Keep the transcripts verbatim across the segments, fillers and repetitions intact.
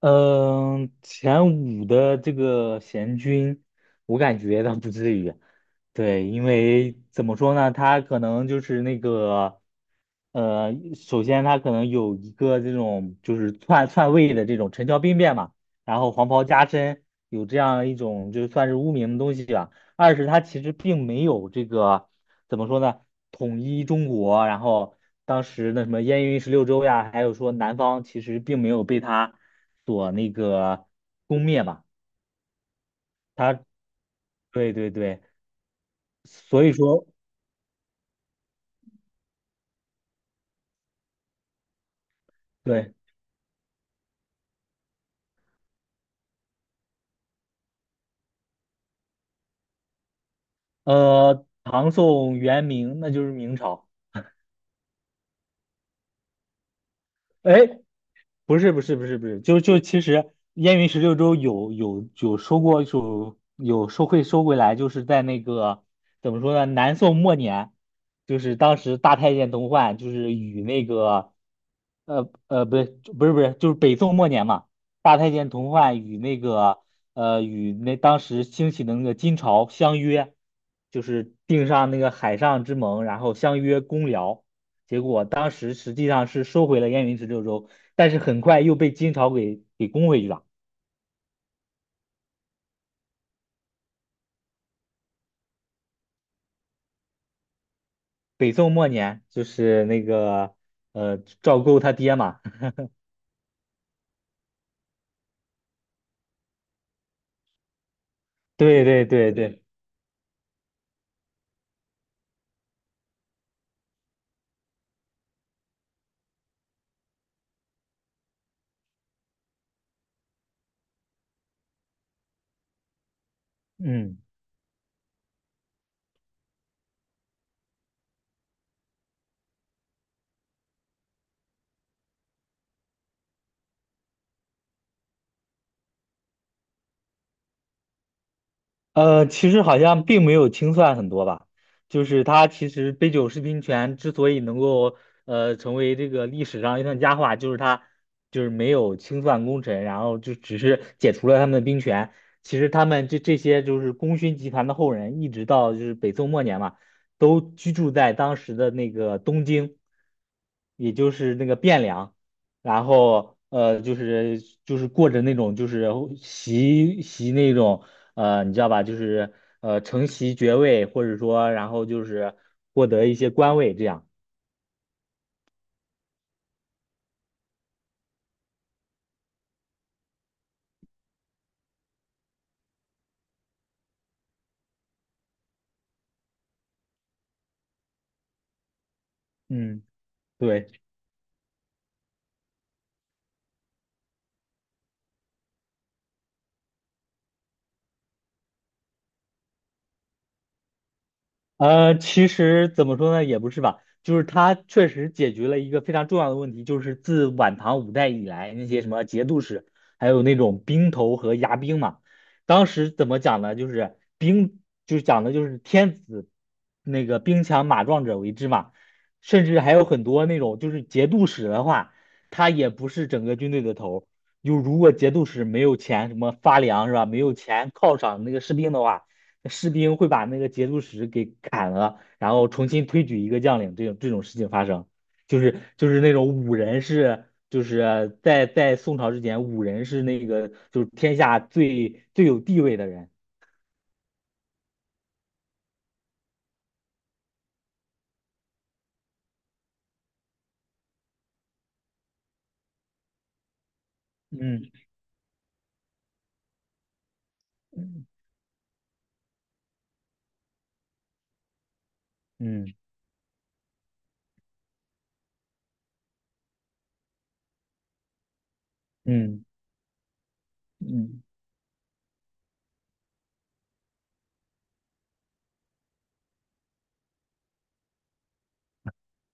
嗯，前五的这个贤君，我感觉倒不至于。对，因为怎么说呢，他可能就是那个，呃，首先他可能有一个这种就是篡篡位的这种陈桥兵变嘛，然后黄袍加身，有这样一种就算是污名的东西吧。二是它其实并没有这个怎么说呢，统一中国，然后当时那什么燕云十六州呀，还有说南方其实并没有被它所那个攻灭吧。对对对，所以说对，呃，唐宋元明那就是明朝。哎，不是不是不是不是，就就其实燕云十六州有有有收过有有收会收回来，就是在那个怎么说呢？南宋末年，就是当时大太监童焕就是与那个呃呃不对不是不是就是北宋末年嘛，大太监童焕与那个呃与那当时兴起的那个金朝相约，就是订上那个海上之盟，然后相约攻辽，结果当时实际上是收回了燕云十六州。但是很快又被金朝给给攻回去了。北宋末年就是那个呃赵构他爹嘛，对对对对，嗯。呃，其实好像并没有清算很多吧，就是他其实杯酒释兵权之所以能够呃成为这个历史上一段佳话，就是他就是没有清算功臣，然后就只是解除了他们的兵权。其实他们这这些就是功勋集团的后人，一直到就是北宋末年嘛，都居住在当时的那个东京，也就是那个汴梁。然后呃，就是就是过着那种就是习习那种呃，你知道吧？就是呃，承袭爵位，或者说然后就是获得一些官位这样。嗯，对。呃，其实怎么说呢，也不是吧，就是它确实解决了一个非常重要的问题，就是自晚唐五代以来，那些什么节度使，还有那种兵头和牙兵嘛，当时怎么讲呢？就是兵，就是讲的就是天子那个兵强马壮者为之嘛，甚至还有很多那种就是节度使的话，他也不是整个军队的头儿，就如果节度使没有钱什么发粮是吧，没有钱犒赏那个士兵的话。士兵会把那个节度使给砍了，然后重新推举一个将领，这种这种事情发生，就是就是那种武人是，就是在在宋朝之前，武人是那个就是天下最最有地位的人。嗯嗯嗯嗯。嗯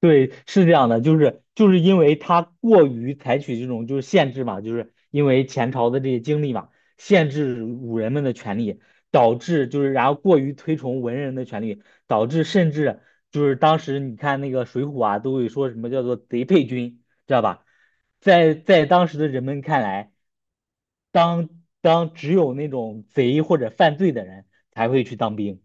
对，是这样的，就是就是因为他过于采取这种就是限制嘛，就是因为前朝的这些经历嘛，限制武人们的权利，导致就是然后过于推崇文人的权利，导致甚至就是当时你看那个《水浒》啊，都会说什么叫做贼配军，知道吧？在在当时的人们看来，当当只有那种贼或者犯罪的人才会去当兵，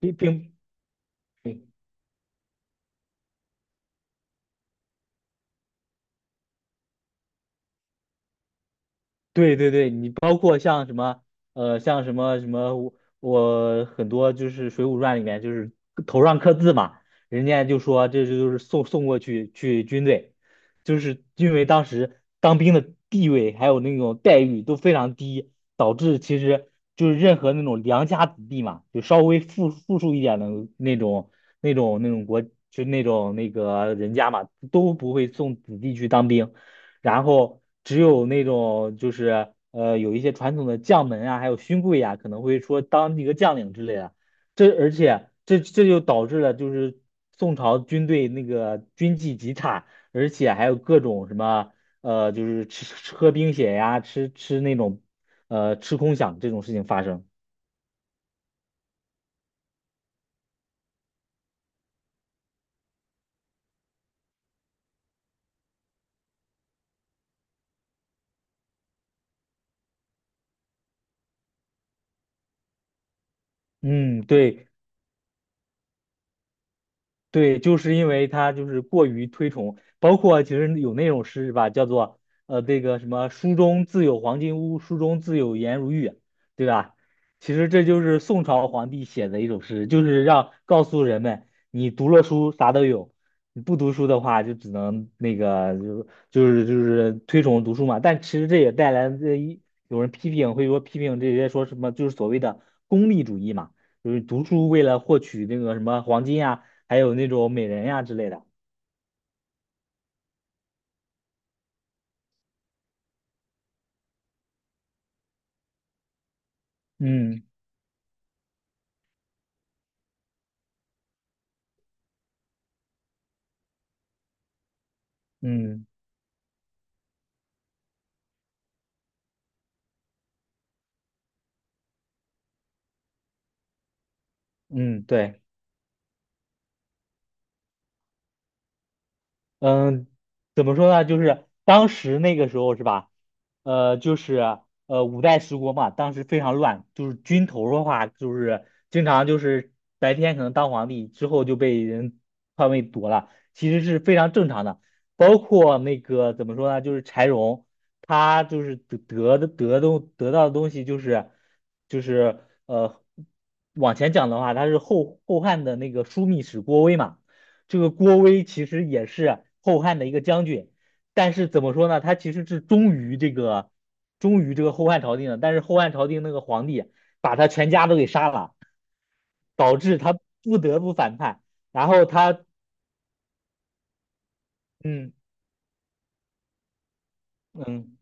兵并。对对对，你包括像什么，呃，像什么什么，我我很多就是《水浒传》里面就是头上刻字嘛，人家就说这就是送送过去去军队，就是因为当时当兵的地位还有那种待遇都非常低，导致其实就是任何那种良家子弟嘛，就稍微富富庶一点的那种那种那种国，就那种那个人家嘛，都不会送子弟去当兵。然后只有那种就是呃有一些传统的将门啊，还有勋贵啊，可能会说当一个将领之类的。这而且这这就导致了就是宋朝军队那个军纪极差，而且还有各种什么呃就是吃吃喝冰血呀，吃吃那种呃吃空饷这种事情发生。嗯，对，对，就是因为他就是过于推崇，包括其实有那种诗是吧，叫做呃这个什么"书中自有黄金屋，书中自有颜如玉"，对吧？其实这就是宋朝皇帝写的一首诗，就是让告诉人们，你读了书啥都有，你不读书的话就只能那个就就是就是推崇读书嘛。但其实这也带来这一有人批评，会说批评这些说什么就是所谓的功利主义嘛，就是读书为了获取那个什么黄金啊。还有那种美人呀之类的。嗯嗯嗯，对。嗯，怎么说呢？就是当时那个时候是吧？呃，就是呃五代十国嘛，当时非常乱，就是军头的话，就是经常就是白天可能当皇帝，之后就被人篡位夺了，其实是非常正常的。包括那个怎么说呢？就是柴荣，他就是得得的得东得到的东西就是就是呃往前讲的话，他是后后汉的那个枢密使郭威嘛。这个郭威其实也是后汉的一个将军，但是怎么说呢？他其实是忠于这个忠于这个后汉朝廷的，但是后汉朝廷那个皇帝把他全家都给杀了，导致他不得不反叛。然后他，嗯嗯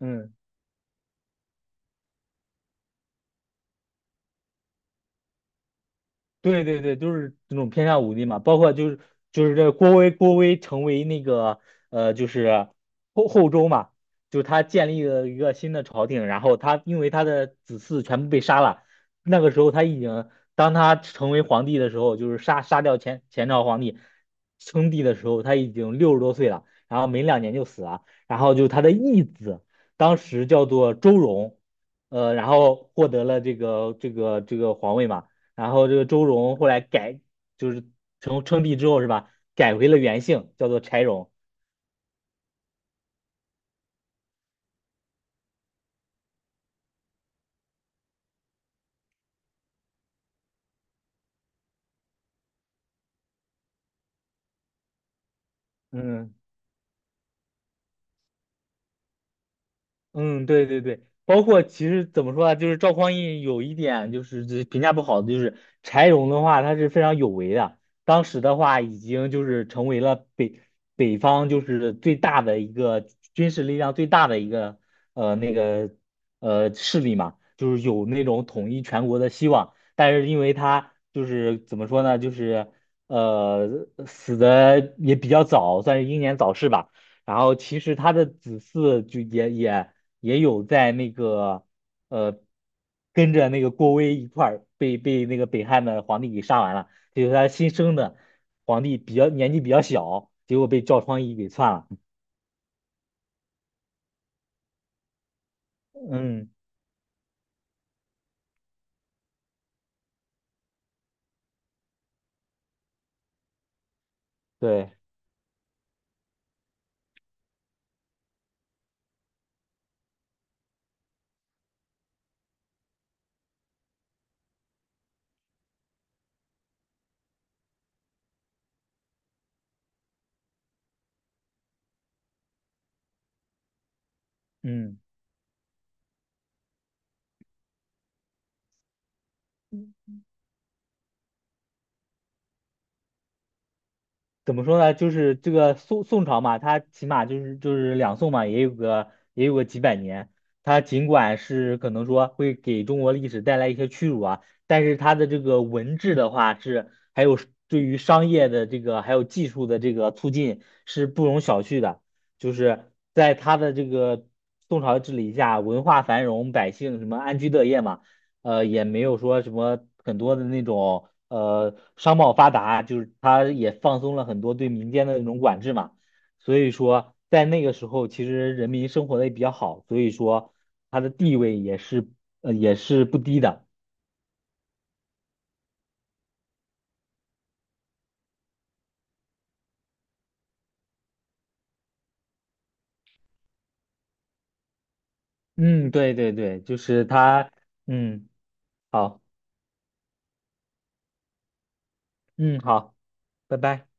嗯。对对对，就是这种偏向武力嘛，包括就是就是这郭威郭威成为那个呃就是后后周嘛，就是他建立了一个新的朝廷，然后他因为他的子嗣全部被杀了，那个时候他已经当他成为皇帝的时候，就是杀杀掉前前朝皇帝称帝的时候，他已经六十多岁了，然后没两年就死了，然后就他的义子当时叫做周荣，呃，然后获得了这个这个这个皇位嘛。然后这个周荣后来改，就是称称帝之后是吧，改回了原姓，叫做柴荣。嗯，嗯，对对对，包括其实怎么说呢，就是赵匡胤有一点就是这评价不好的，就是柴荣的话，他是非常有为的。当时的话，已经就是成为了北北方就是最大的一个军事力量最大的一个呃那个呃势力嘛，就是有那种统一全国的希望。但是因为他就是怎么说呢，就是呃死的也比较早，算是英年早逝吧。然后其实他的子嗣就也也。也有在那个呃跟着那个郭威一块儿被被那个北汉的皇帝给杀完了，就是他新生的皇帝比较年纪比较小，结果被赵匡胤给篡了。嗯对，嗯。怎么说呢？就是这个宋宋朝嘛，它起码就是就是两宋嘛，也有个也有个几百年。它尽管是可能说会给中国历史带来一些屈辱啊，但是它的这个文治的话是，还有对于商业的这个还有技术的这个促进是不容小觑的。就是在它的这个宋朝治理下，文化繁荣，百姓什么安居乐业嘛。呃，也没有说什么很多的那种呃商贸发达，就是它也放松了很多对民间的那种管制嘛，所以说在那个时候，其实人民生活的也比较好，所以说它的地位也是呃也是不低的。嗯，对对对，就是它，嗯，好，嗯，好，拜拜。